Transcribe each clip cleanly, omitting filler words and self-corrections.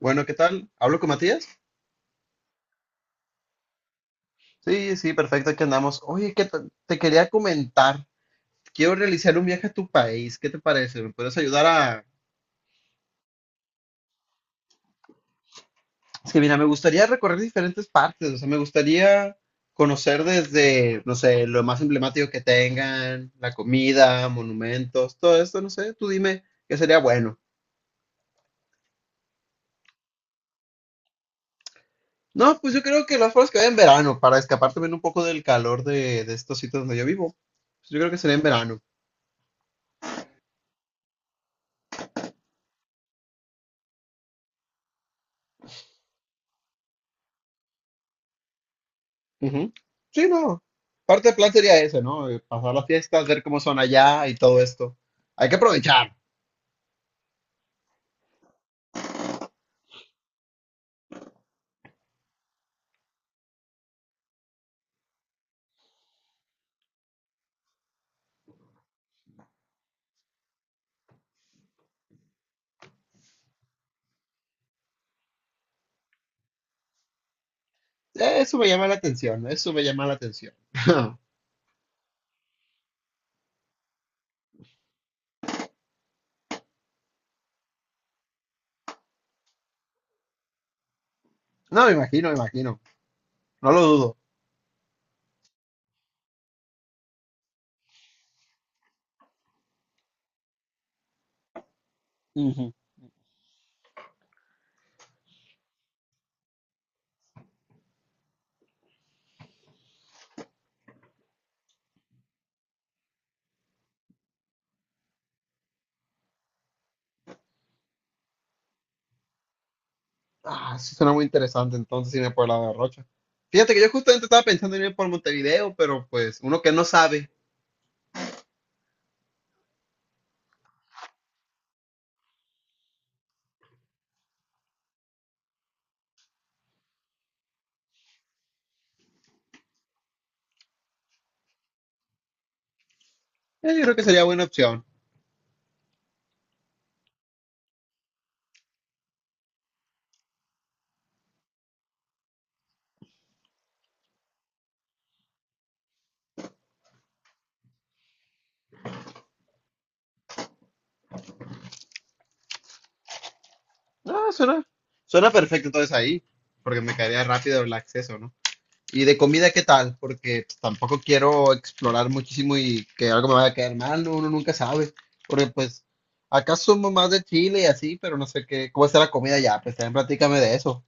Bueno, ¿qué tal? ¿Hablo con Matías? Sí, sí, perfecto, aquí andamos. Oye, te quería comentar, quiero realizar un viaje a tu país, ¿qué te parece? ¿Me puedes ayudar a...? Es que mira, me gustaría recorrer diferentes partes, o sea, me gustaría conocer desde, no sé, lo más emblemático que tengan, la comida, monumentos, todo esto, no sé, tú dime qué sería bueno. No, pues yo creo que las formas que vaya en verano, para escapar también un poco del calor de estos sitios donde yo vivo. Pues yo creo que sería en verano. Ujú. Sí, no. Parte del plan sería ese, ¿no? Pasar las fiestas, ver cómo son allá y todo esto. Hay que aprovechar. Eso me llama la atención, eso me llama la atención. No, me imagino, me imagino. No lo dudo. Ujú. Ah, eso suena muy interesante, entonces irme por el lado de Rocha. Fíjate que yo justamente estaba pensando en ir por Montevideo, pero pues uno que no sabe, yo creo que sería buena opción. Ah, suena, suena perfecto entonces ahí, porque me caería rápido el acceso, ¿no? Y de comida, ¿qué tal? Porque pues, tampoco quiero explorar muchísimo y que algo me vaya a quedar mal, no, uno nunca sabe. Porque pues acá somos más de Chile y así, pero no sé qué, cómo está la comida ya, pues también platícame de eso.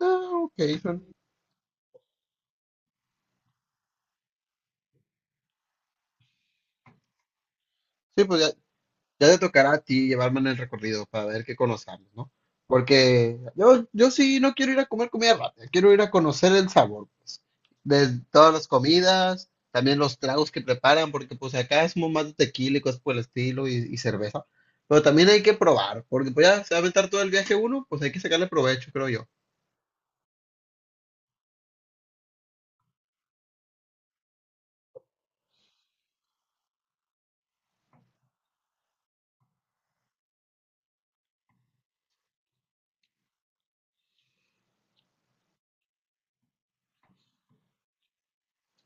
Ah, ok, son- sí, pues ya, ya te tocará a ti llevarme en el recorrido para ver qué conozcamos, ¿no? Porque yo sí no quiero ir a comer comida rápida, quiero ir a conocer el sabor, pues, de todas las comidas, también los tragos que preparan, porque pues acá es más de tequila y cosas por el estilo y cerveza, pero también hay que probar, porque pues ya se va a aventar todo el viaje uno, pues hay que sacarle provecho, creo yo.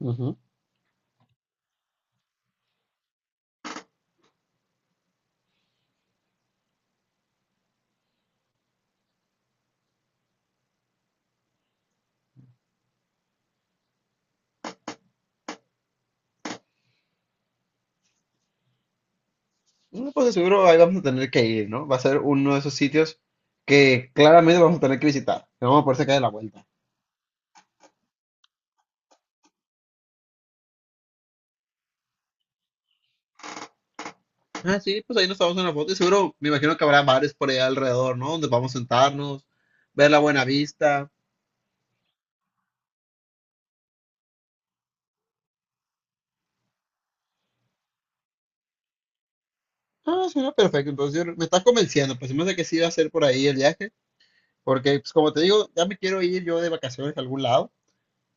Ujú. No, pues de seguro ahí vamos a tener que ir, ¿no? Va a ser uno de esos sitios que claramente vamos a tener que visitar, que vamos a poder sacar de la vuelta. Ah, sí, pues ahí nos tomamos una foto y seguro me imagino que habrá bares por allá alrededor, ¿no? Donde vamos a sentarnos, ver la buena vista. Ah, suena perfecto. Entonces me estás convenciendo, pues se me hace que sí va a ser por ahí el viaje, porque pues como te digo, ya me quiero ir yo de vacaciones a algún lado.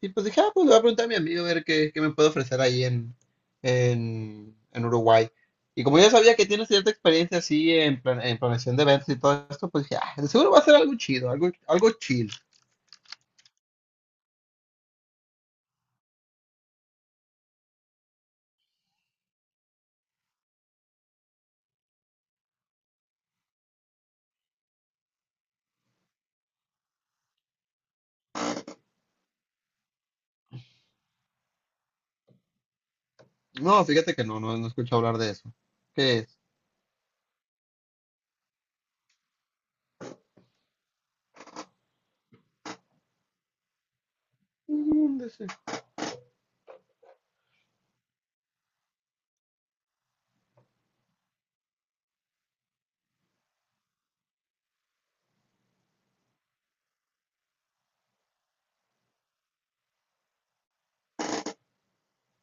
Y pues dije, ah, pues le voy a preguntar a mi amigo a ver qué me puede ofrecer ahí en Uruguay. Y como yo sabía que tiene cierta experiencia así en, en planeación de eventos y todo esto, pues dije, ah, seguro va a ser algo chido, algo, algo chill. No, fíjate que no, no he escuchado hablar de eso. ¿Qué es? ¿Dónde se-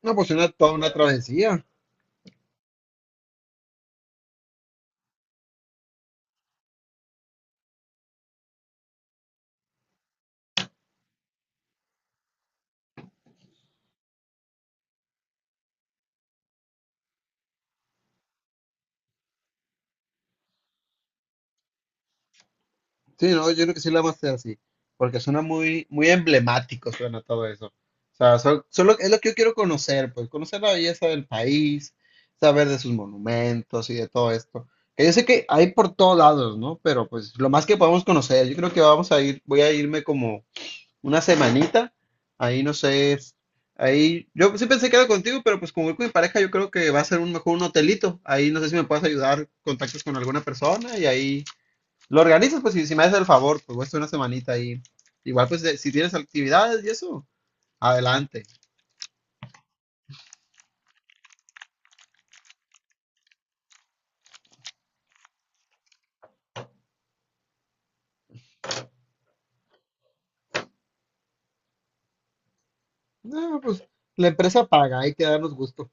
No, pues una, toda una travesía. Sí, no, yo creo que sí la vamos a hacer así, porque suena muy, muy emblemático, suena todo eso. O sea, solo es lo que yo quiero conocer, pues conocer la belleza del país, saber de sus monumentos y de todo esto. Que yo sé que hay por todos lados, ¿no? Pero pues lo más que podemos conocer, yo creo que vamos a ir, voy a irme como una semanita. Ahí no sé, ahí yo sí pensé que era contigo, pero pues como voy con mi pareja, yo creo que va a ser un mejor un hotelito. Ahí no sé si me puedes ayudar, contactos con alguna persona y ahí lo organizas, pues si me haces el favor, pues voy a estar una semanita ahí. Igual pues si tienes actividades y eso, adelante. No, pues la empresa paga, hay que darnos gusto.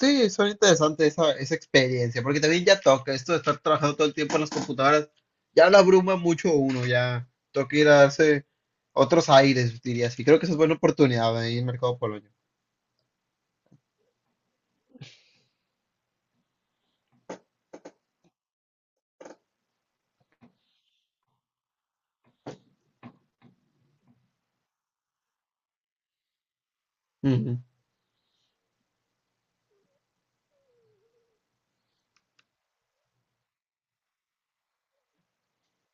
Sí, son interesante esa, esa experiencia, porque también ya toca esto de estar trabajando todo el tiempo en las computadoras, ya la abruma mucho uno, ya toca ir a darse otros aires, diría así. Creo que esa es buena oportunidad ahí en Mercado Poloño. Ujú.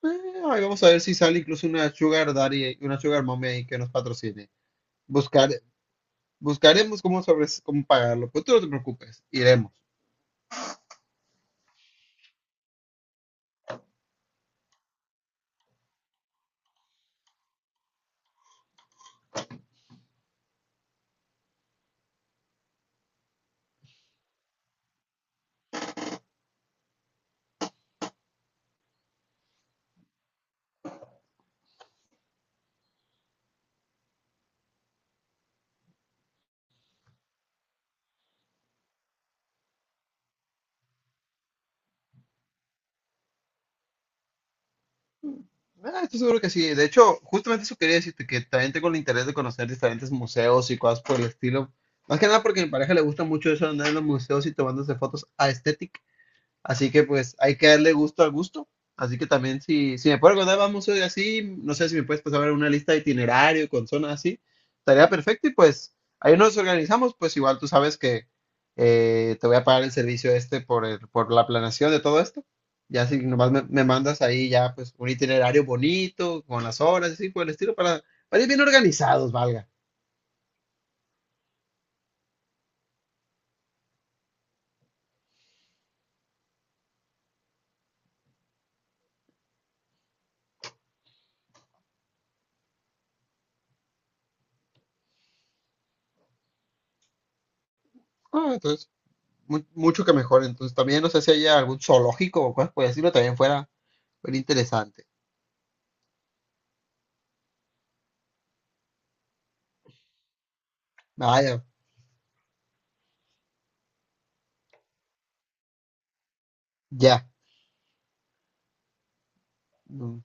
Ahí vamos a ver si sale incluso una Sugar Daddy, una Sugar Mommy ahí que nos patrocine. Buscar, buscaremos cómo, sobre, cómo pagarlo, pues tú no te preocupes, iremos. Mm, Ah, estoy seguro que sí. De hecho, justamente eso quería decirte, que también tengo el interés de conocer diferentes museos y cosas por el estilo. Más que nada porque a mi pareja le gusta mucho eso de andar en los museos y tomándose fotos. Así que pues hay que darle gusto al gusto. Así que también si me puedo acordar, vamos hoy así, no sé si me puedes pasar una lista de itinerario con zonas así, estaría perfecto y pues ahí nos organizamos, pues igual tú sabes que te voy a pagar el servicio este por la planeación de todo esto. Ya si nomás me mandas ahí ya pues un itinerario bonito, con las horas, y así por el estilo, para ir bien organizados, valga. Ah, entonces, mucho que mejor. Entonces también no sé si haya algún zoológico o cosas por decirlo, también fuera interesante. Vaya, ya. Mm.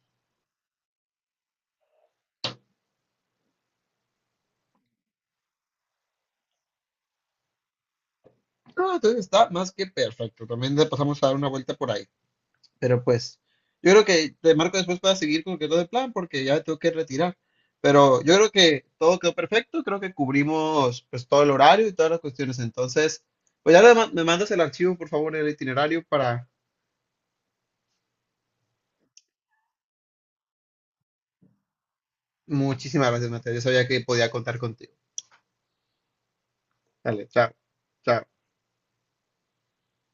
No, entonces está más que perfecto. También le pasamos a dar una vuelta por ahí. Pero pues, yo creo que te marco después para seguir con lo que es lo de plan, porque ya me tengo que retirar. Pero yo creo que todo quedó perfecto. Creo que cubrimos pues todo el horario y todas las cuestiones. Entonces, pues ya le me mandas el archivo, por favor, el itinerario para... Muchísimas gracias, Mateo. Yo sabía que podía contar contigo. Dale, chao. Chao.